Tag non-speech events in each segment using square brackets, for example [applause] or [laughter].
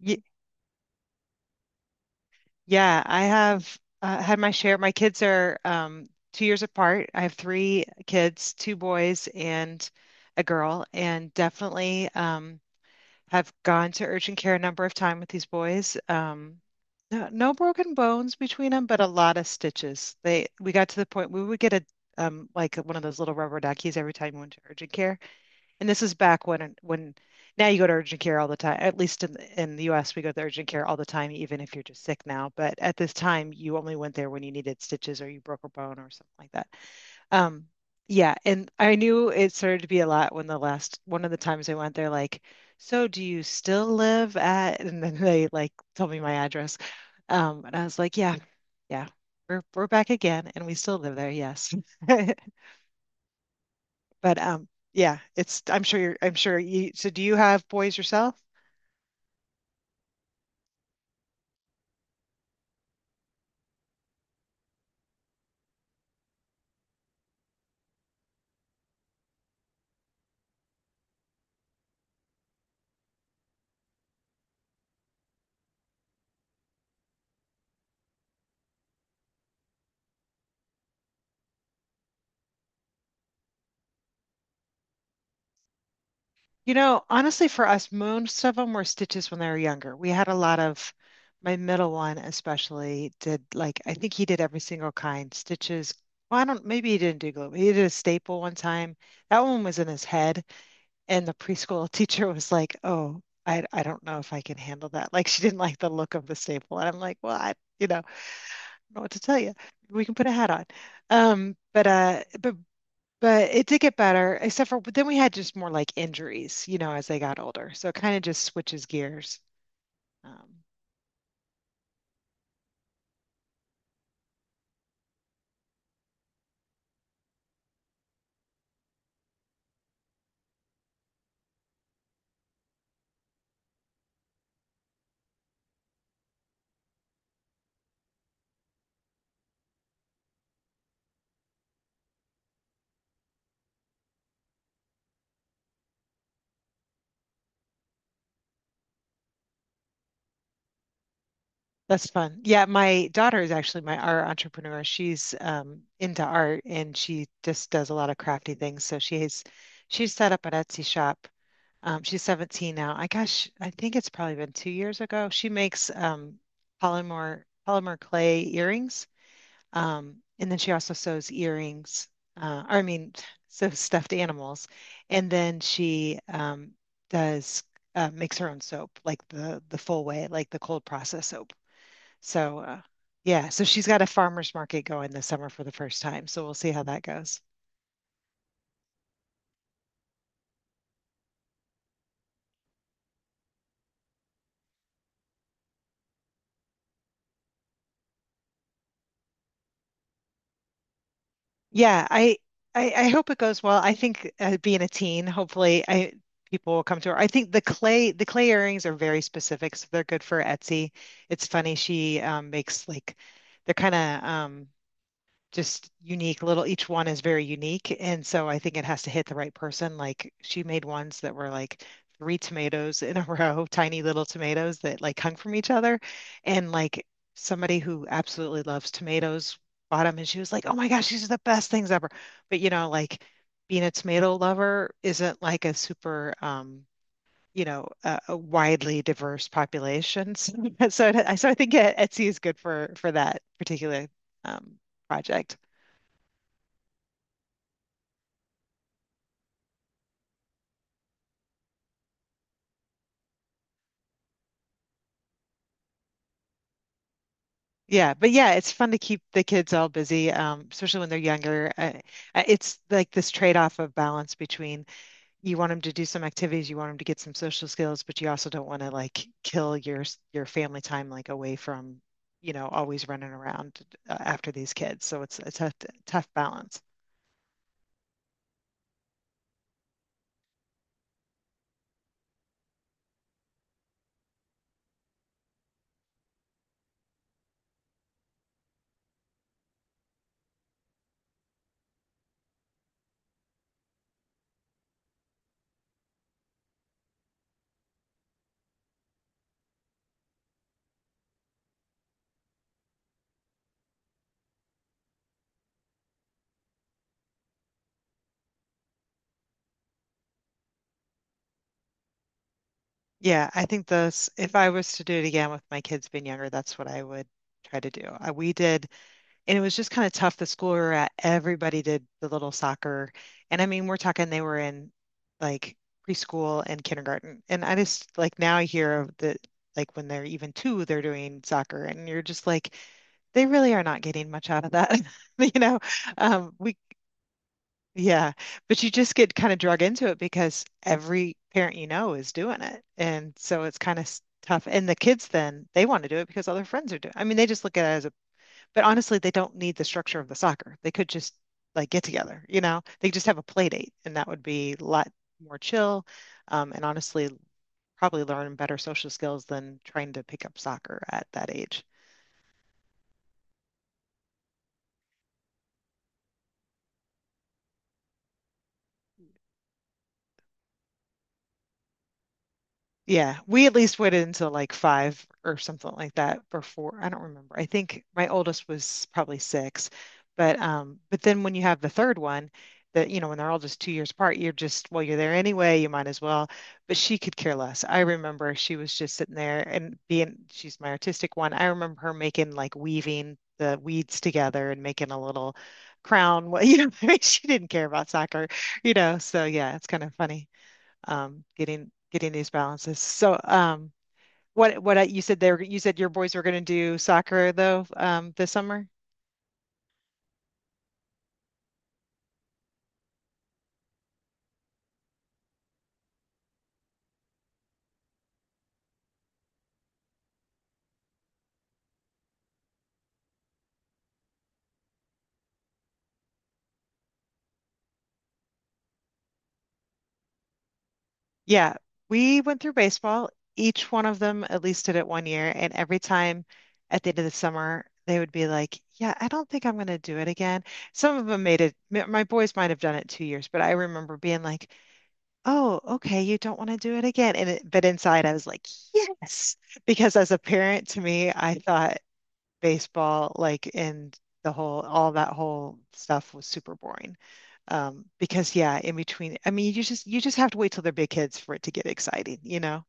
Y yeah, I have had my share. My kids are 2 years apart. I have three kids, two boys and a girl, and definitely have gone to urgent care a number of times with these boys. No, no broken bones between them, but a lot of stitches. They we got to the point we would get a like one of those little rubber duckies every time we went to urgent care. And this is back when now you go to urgent care all the time. At least in the U.S., we go to urgent care all the time, even if you're just sick now. But at this time, you only went there when you needed stitches or you broke a bone or something like that. Um, yeah, and I knew it started to be a lot when the last one of the times I went there, like, so do you still live at? And then they like told me my address, and I was like, yeah, yeah, we're back again, and we still live there. Yes. [laughs] But yeah, it's I'm sure you're I'm sure you so do you have boys yourself? Honestly, for us, most of them were stitches when they were younger. We had a lot of, my middle one especially did like, I think he did every single kind stitches. Well, I don't, maybe he didn't do glue, but he did a staple one time. That one was in his head. And the preschool [laughs] teacher was like, oh, I don't know if I can handle that. Like, she didn't like the look of the staple. And I'm like, well, I don't know what to tell you. We can put a hat on. Um, but, uh, but But it did get better, except for but then we had just more like injuries, you know, as they got older. So it kind of just switches gears. Um, that's fun. Yeah, my daughter is actually my our entrepreneur. She's into art and she just does a lot of crafty things. So she's set up an Etsy shop. She's 17 now. I Gosh, I think it's probably been 2 years ago. She makes polymer clay earrings. And then she also sews earrings, or I mean, [laughs] sews stuffed animals. And then she does makes her own soap, like the full way, like the cold process soap. So yeah, so she's got a farmer's market going this summer for the first time. So we'll see how that goes. Yeah, I hope it goes well. I think being a teen, hopefully, I people will come to her. I think the clay earrings are very specific, so they're good for Etsy. It's funny, she makes like they're kind of just unique little each one is very unique, and so I think it has to hit the right person, like she made ones that were like three tomatoes in a [laughs] row, tiny little tomatoes that like hung from each other. And like somebody who absolutely loves tomatoes bought them, and she was like, oh my gosh, these are the best things ever. But you know, like being a tomato lover isn't like a super a widely diverse population. [laughs] So, so I think Etsy is good for that particular um project. Yeah, but yeah, it's fun to keep the kids all busy, especially when they're younger. It's like this trade-off of balance between you want them to do some activities, you want them to get some social skills, but you also don't want to like kill your your family time, like away from, you know, always running around after these kids. So it's a tough balance. Yeah, I think those if I was to do it again with my kids being younger, that's what I would try to do. We did, and it was just kind of tough. The school we were at, everybody did the little soccer, and I mean we're talking they were in like preschool and kindergarten. And I just like, now I hear that like when they're even two they're doing soccer, and you're just like, they really are not getting much out of that. [laughs] You know, we yeah, but you just get kind of drug into it because every parent, you know, is doing it, and so it's kind of tough. And the kids then they want to do it because all their friends are doing, I mean they just look at it as a, but honestly, they don't need the structure of the soccer. They could just like get together, you know? They just have a play date and that would be a lot more chill. And honestly, probably learn better social skills than trying to pick up soccer at that age. Yeah, we at least waited until like five or something like that before. I don't remember. I think my oldest was probably six, but but then when you have the third one, that you know when they're all just 2 years apart, you're just, well, you're there anyway. You might as well. But she could care less. I remember she was just sitting there and being. She's my artistic one. I remember her making like weaving the weeds together and making a little crown. [laughs] Well, you know, [laughs] she didn't care about soccer, So yeah, it's kind of funny getting these balances. So, you said your boys were going to do soccer though, this summer. Yeah, we went through baseball. Each one of them at least did it 1 year, and every time at the end of the summer, they would be like, "Yeah, I don't think I'm going to do it again." Some of them made it. My boys might have done it 2 years, but I remember being like, "Oh, okay, you don't want to do it again." And but inside, I was like, "Yes," [laughs] because as a parent, to me, I thought baseball, like, and the whole, all that whole stuff was super boring. Because yeah, in between, I mean, you just have to wait till they're big kids for it to get exciting, you know?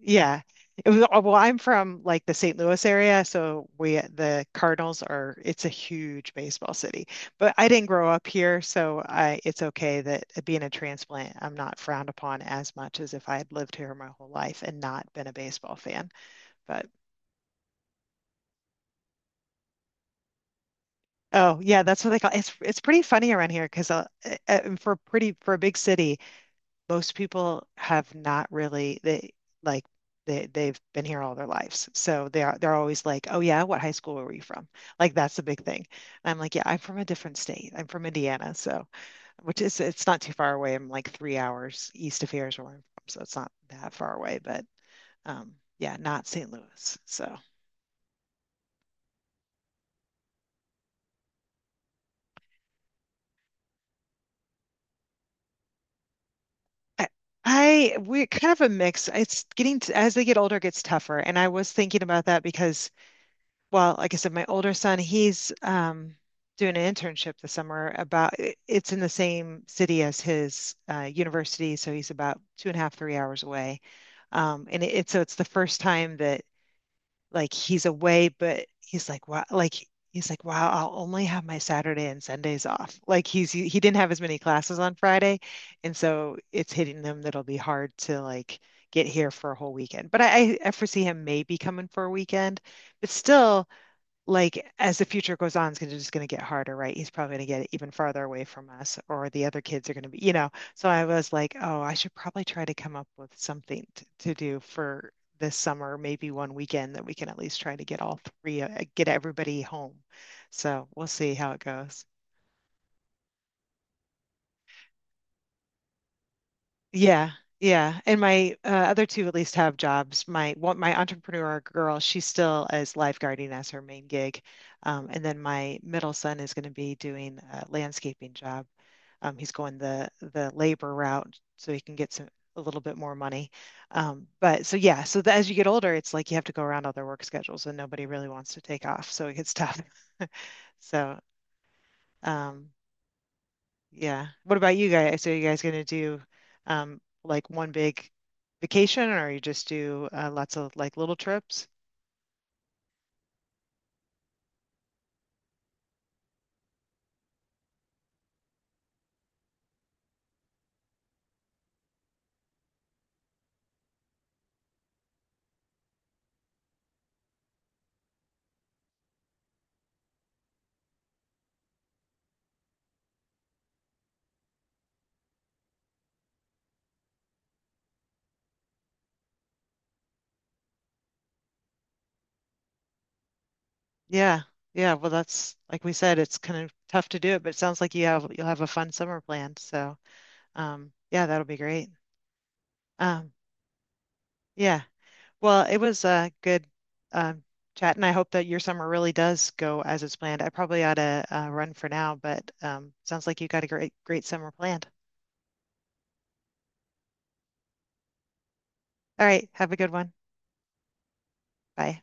Yeah. It was, oh, well, I'm from like the St. Louis area, so we the Cardinals are it's a huge baseball city. But I didn't grow up here, so I it's okay that being a transplant, I'm not frowned upon as much as if I had lived here my whole life and not been a baseball fan. But oh, yeah, that's what they call it's pretty funny around here because for a big city, most people have not really like they've been here all their lives. So they're always like, "Oh yeah, what high school were you from?" Like that's the big thing. And I'm like, "Yeah, I'm from a different state. I'm from Indiana." So which is it's not too far away. I'm like 3 hours east of here is where I'm from, so it's not that far away, but yeah, not St. Louis. So I we kind of a mix. It's getting t as they get older, it gets tougher. And I was thinking about that because, well, like I said, my older son, he's doing an internship this summer it's in the same city as his university, so he's about 2.5, 3 hours away. And it, it's so it's the first time that like he's away, but he's like, wow, like he's like, wow, I'll only have my Saturday and Sundays off. Like he didn't have as many classes on Friday, and so it's hitting them that'll be hard to like get here for a whole weekend. But I foresee him maybe coming for a weekend, but still like as the future goes on, it's gonna, just going to get harder, right? He's probably going to get even farther away from us, or the other kids are going to be, you know. So I was like, oh, I should probably try to come up with something to do for this summer, maybe one weekend that we can at least try to get all three, get everybody home. So we'll see how it goes. Yeah, yeah. And my other two at least have jobs. My one, my entrepreneur girl, she's still as lifeguarding as her main gig, and then my middle son is going to be doing a landscaping job. He's going the labor route so he can get some a little bit more money. But so yeah, so as you get older, it's like you have to go around all their work schedules, and nobody really wants to take off, so it gets tough. [laughs] So um, yeah. What about you guys? So you guys gonna do like one big vacation, or you just do lots of like little trips? Yeah. Yeah, well that's like we said, it's kind of tough to do it, but it sounds like you'll have a fun summer planned. So, yeah, that'll be great. Um yeah. Well, it was good um chat, and I hope that your summer really does go as it's planned. I probably ought to run for now, but sounds like you got a great summer planned. All right, have a good one. Bye.